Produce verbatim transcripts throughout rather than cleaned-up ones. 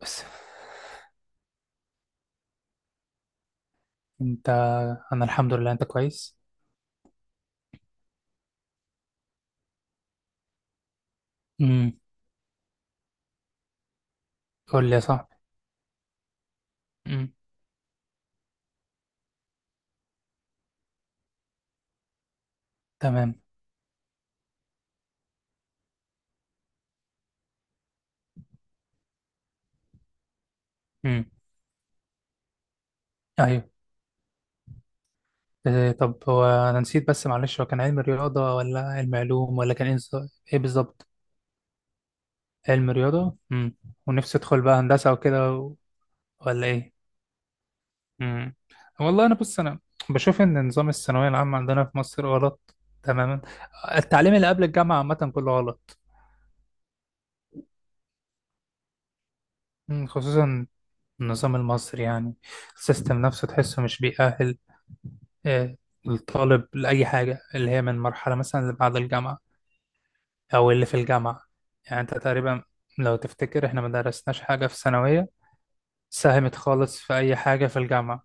بس. انت؟ انا الحمد لله. انت كويس؟ امم. قول لي يا صاحبي. امم. تمام. امم. ايوه. إيه طب، هو انا نسيت بس معلش، هو كان علم رياضة ولا علم علوم ولا كان ايه الز- إيه بالظبط؟ علم رياضة. امم. ونفسي ادخل بقى هندسة وكده و- ولا ايه؟ امم. والله انا بص، انا بشوف ان نظام الثانوية العامة عندنا في مصر غلط تماما. التعليم اللي قبل الجامعة عامة كله غلط. مم، خصوصا النظام المصري يعني. السيستم نفسه تحسه مش بيأهل آه، الطالب لأي حاجة، اللي هي من مرحلة مثلا اللي بعد الجامعة أو اللي في الجامعة. يعني أنت تقريبا لو تفتكر إحنا ما درسناش حاجة في الثانوية ساهمت خالص في أي حاجة في الجامعة.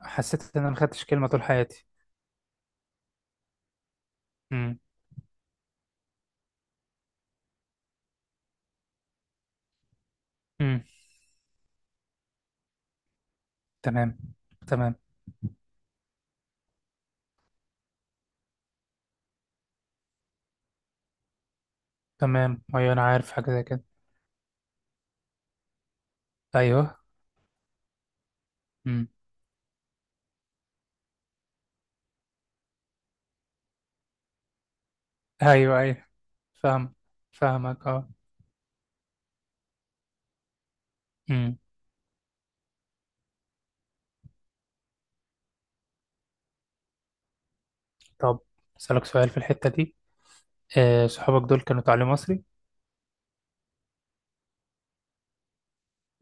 حسيت إن أنا ما خدتش كلمة طول حياتي. امم. امم. تمام. تمام. تمام. أيوة، أنا عارف حاجة زي كده. أيوه. امم. أيوه أيوه. فاهم. فاهمك أه. امم. طب أسألك سؤال في الحتة دي. آه، صحابك دول كانوا تعليم مصري؟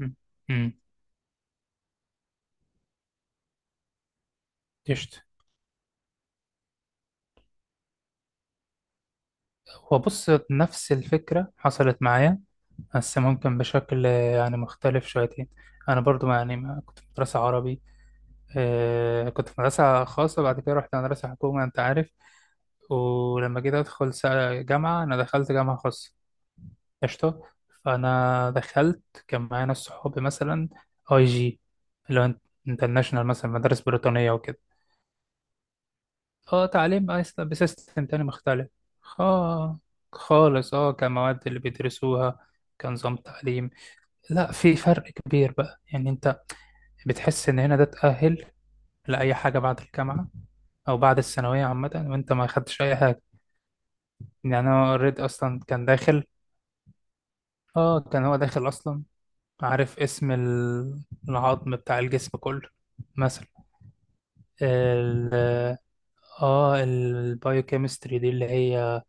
امم. امم. قشطة. هو بص، نفس الفكرة حصلت معايا، بس ممكن بشكل آه، يعني مختلف شويتين. أنا برضو ما يعني ما كنت في مدرسة عربي. آه، كنت في مدرسة خاصة، بعد كده رحت مدرسة حكومة، أنت عارف. ولما جيت أدخل س- جامعة، أنا دخلت جامعة خاصة. قشطة. فأنا دخلت كان معايا ناس صحابي مثلا أي جي، اللي هو انترناشونال، مثلا مدارس بريطانية وكده. اه تعليم أس- بسيستم تاني مختلف. خا خالص. اه كمواد اللي بيدرسوها، كنظام تعليم، لا في فرق كبير بقى. يعني انت بتحس ان هنا ده تأهل لأي حاجة بعد الجامعة، او بعد الثانويه عامه، وانت ما خدتش اي حاجه. يعني انا اوريدي اصلا كان داخل. اه كان هو داخل اصلا، عارف اسم ال- العظم بتاع الجسم كله مثلا. ال اه البايوكيمستري دي اللي هي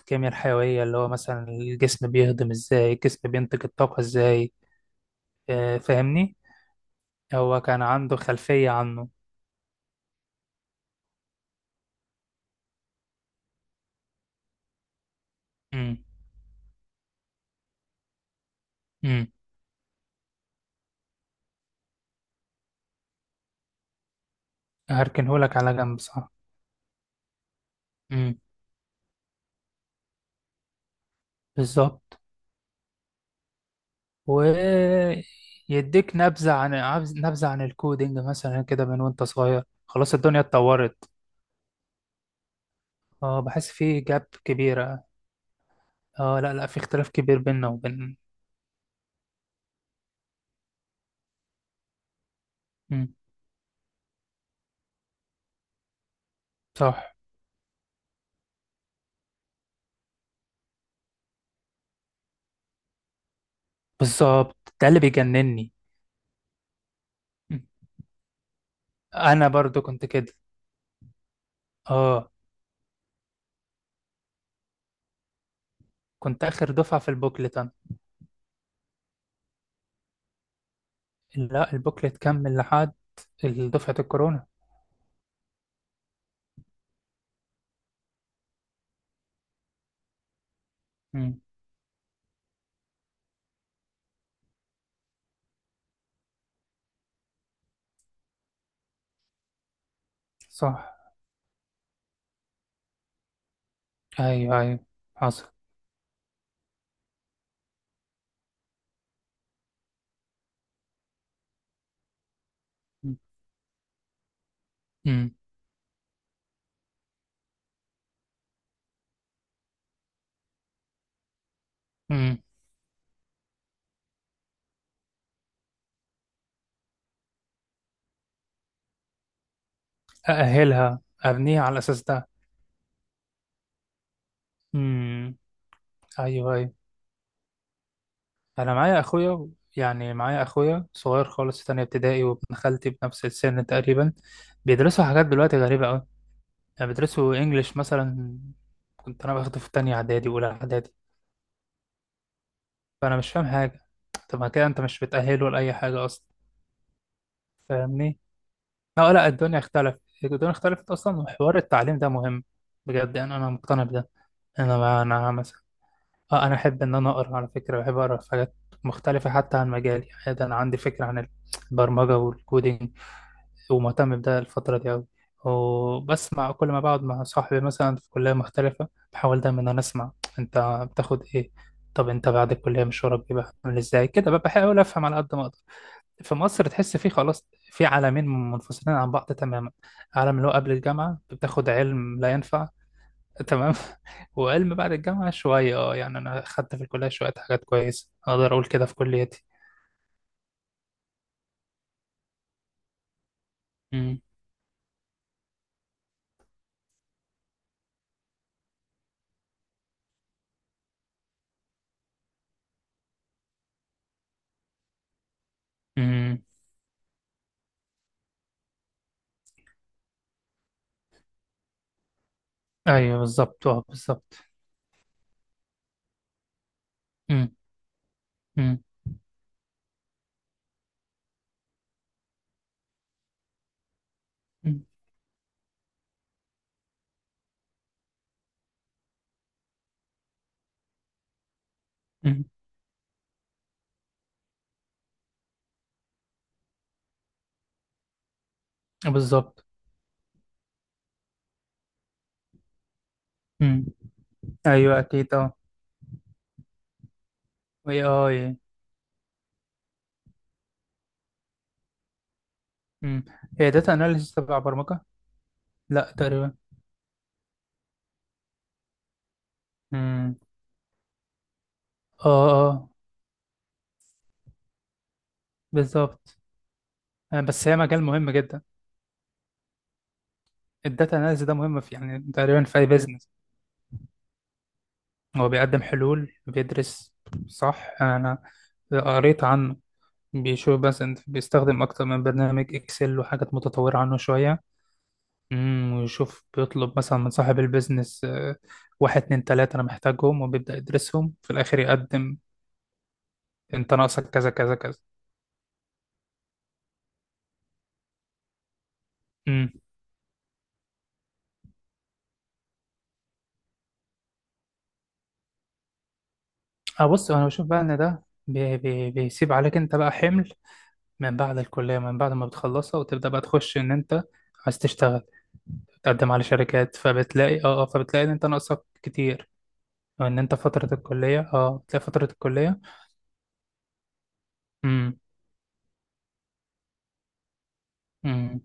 الكيمياء الحيوية، اللي هو مثلا الجسم بيهضم ازاي، الجسم بينتج الطاقة ازاي. آه، فاهمني؟ هو كان عنده خلفية عنه. امم. امم. هركنهولك على جنب، صح. امم. بالظبط. ويديك نبذة عن عبز- نبذة عن الكودينج مثلا كده من وانت صغير. خلاص الدنيا اتطورت. اه بحس في جاب كبيرة. اه لا لا، في اختلاف كبير بيننا وبين. امم. صح. بالظبط، ده اللي بيجنني. مم. انا برضو كنت كده. اه، كنت آخر دفعة في البوكلت أنا. لا البوكلت كمل لحد دفعة الكورونا. مم. صح. أيوه أيوه. حصل. مم. مم. أأهلها، أبنيها على الأساس ده. مم. أيوه أيوه. أنا معايا أخويا، يعني معايا أخويا صغير خالص في تانية ابتدائي، وابن خالتي بنفس السن تقريبا، بيدرسوا حاجات دلوقتي غريبة أوي. يعني بيدرسوا إنجليش مثلا كنت أنا باخده في تانية إعدادي وأولى إعدادي. فأنا مش فاهم حاجة. طب ما كده أنت مش بتأهله لأي حاجة أصلا. فاهمني؟ اه لا، الدنيا اختلفت، الدنيا اختلفت اصلا، وحوار التعليم ده مهم بجد. يعني انا مقتنع بده. انا انا مثلا، اه انا احب ان انا اقرا، على فكره بحب اقرا في حاجات مختلفه حتى عن مجالي. يعني ده انا عندي فكره عن البرمجه والكودينج، ومهتم بده الفتره دي قوي. وبس مع كل ما بقعد مع صاحبي مثلا في كليه مختلفه بحاول دايما ان انا اسمع، انت بتاخد ايه؟ طب انت بعد الكليه مشوارك بيبقى عامل ازاي كده؟ بقى بحاول افهم على قد ما اقدر. في مصر تحس فيه خلاص في عالمين منفصلين عن بعض تماما. عالم اللي هو قبل الجامعة بتاخد علم لا ينفع. تمام. وعلم بعد الجامعة شوية، اه يعني أنا خدت في الكلية شوية حاجات كويسة، أقدر أقول كده في كليتي. أمم، أمم. أيوه بالظبط، اه بالظبط. أمم. أمم. أمم. أمم. بالظبط. أمم. أيوه أكيد اه. وي أي. أمم. هي داتا أناليسيس تبع برمجة؟ لا تقريبا. أمم. اه اه. بالظبط. آه، بس هي مجال مهم جدا. الداتا اناليز ده مهم في يعني تقريبا في اي بيزنس. هو بيقدم حلول، بيدرس. صح. انا قريت عنه، بيشوف بس انت بيستخدم اكتر من برنامج اكسل وحاجات متطورة عنه شوية. امم، ويشوف بيطلب مثلا من صاحب البيزنس آه، واحد اتنين تلاتة انا محتاجهم، وبيبدأ يدرسهم، في الاخر يقدم انت ناقصك كذا كذا كذا. امم. اه بص، انا بشوف بقى ان ده بي بي بيسيب عليك انت بقى حمل من بعد الكلية، من بعد ما بتخلصها وتبدأ بقى تخش ان انت عايز تشتغل، تقدم على شركات، فبتلاقي اه آه، فبتلاقي ان انت ناقصك كتير. او ان انت فترة الكلية اه تلاقي فترة الكلية. امم. امم.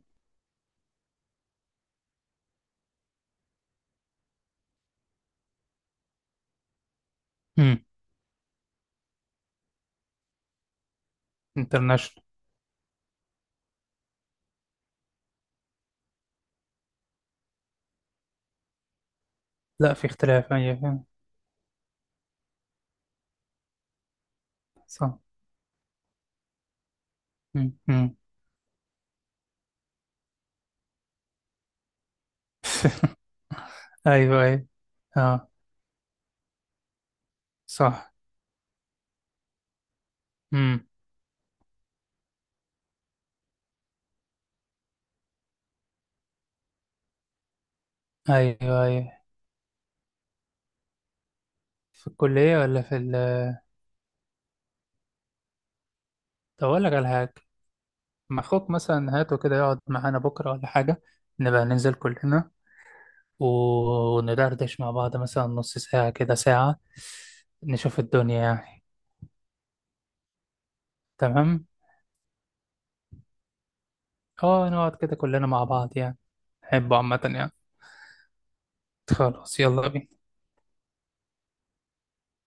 امم. انترناشونال. لا في اختلاف، ايوه. أيوة، صح. امم. امم. ايوه ايوه. اه. صح. امم. ايوه ايوه. في الكلية ولا في ال... طب اقول لك على حاجة. ما اخوك مثلا هاته كده يقعد معانا بكرة ولا حاجة. نبقى ننزل كلنا، وندردش مع بعض مثلا نص ساعة كده، ساعة. نشوف الدنيا يعني. تمام. اه نقعد كده كلنا مع بعض يعني. أحبه عامة يعني. خلاص، يلا بينا.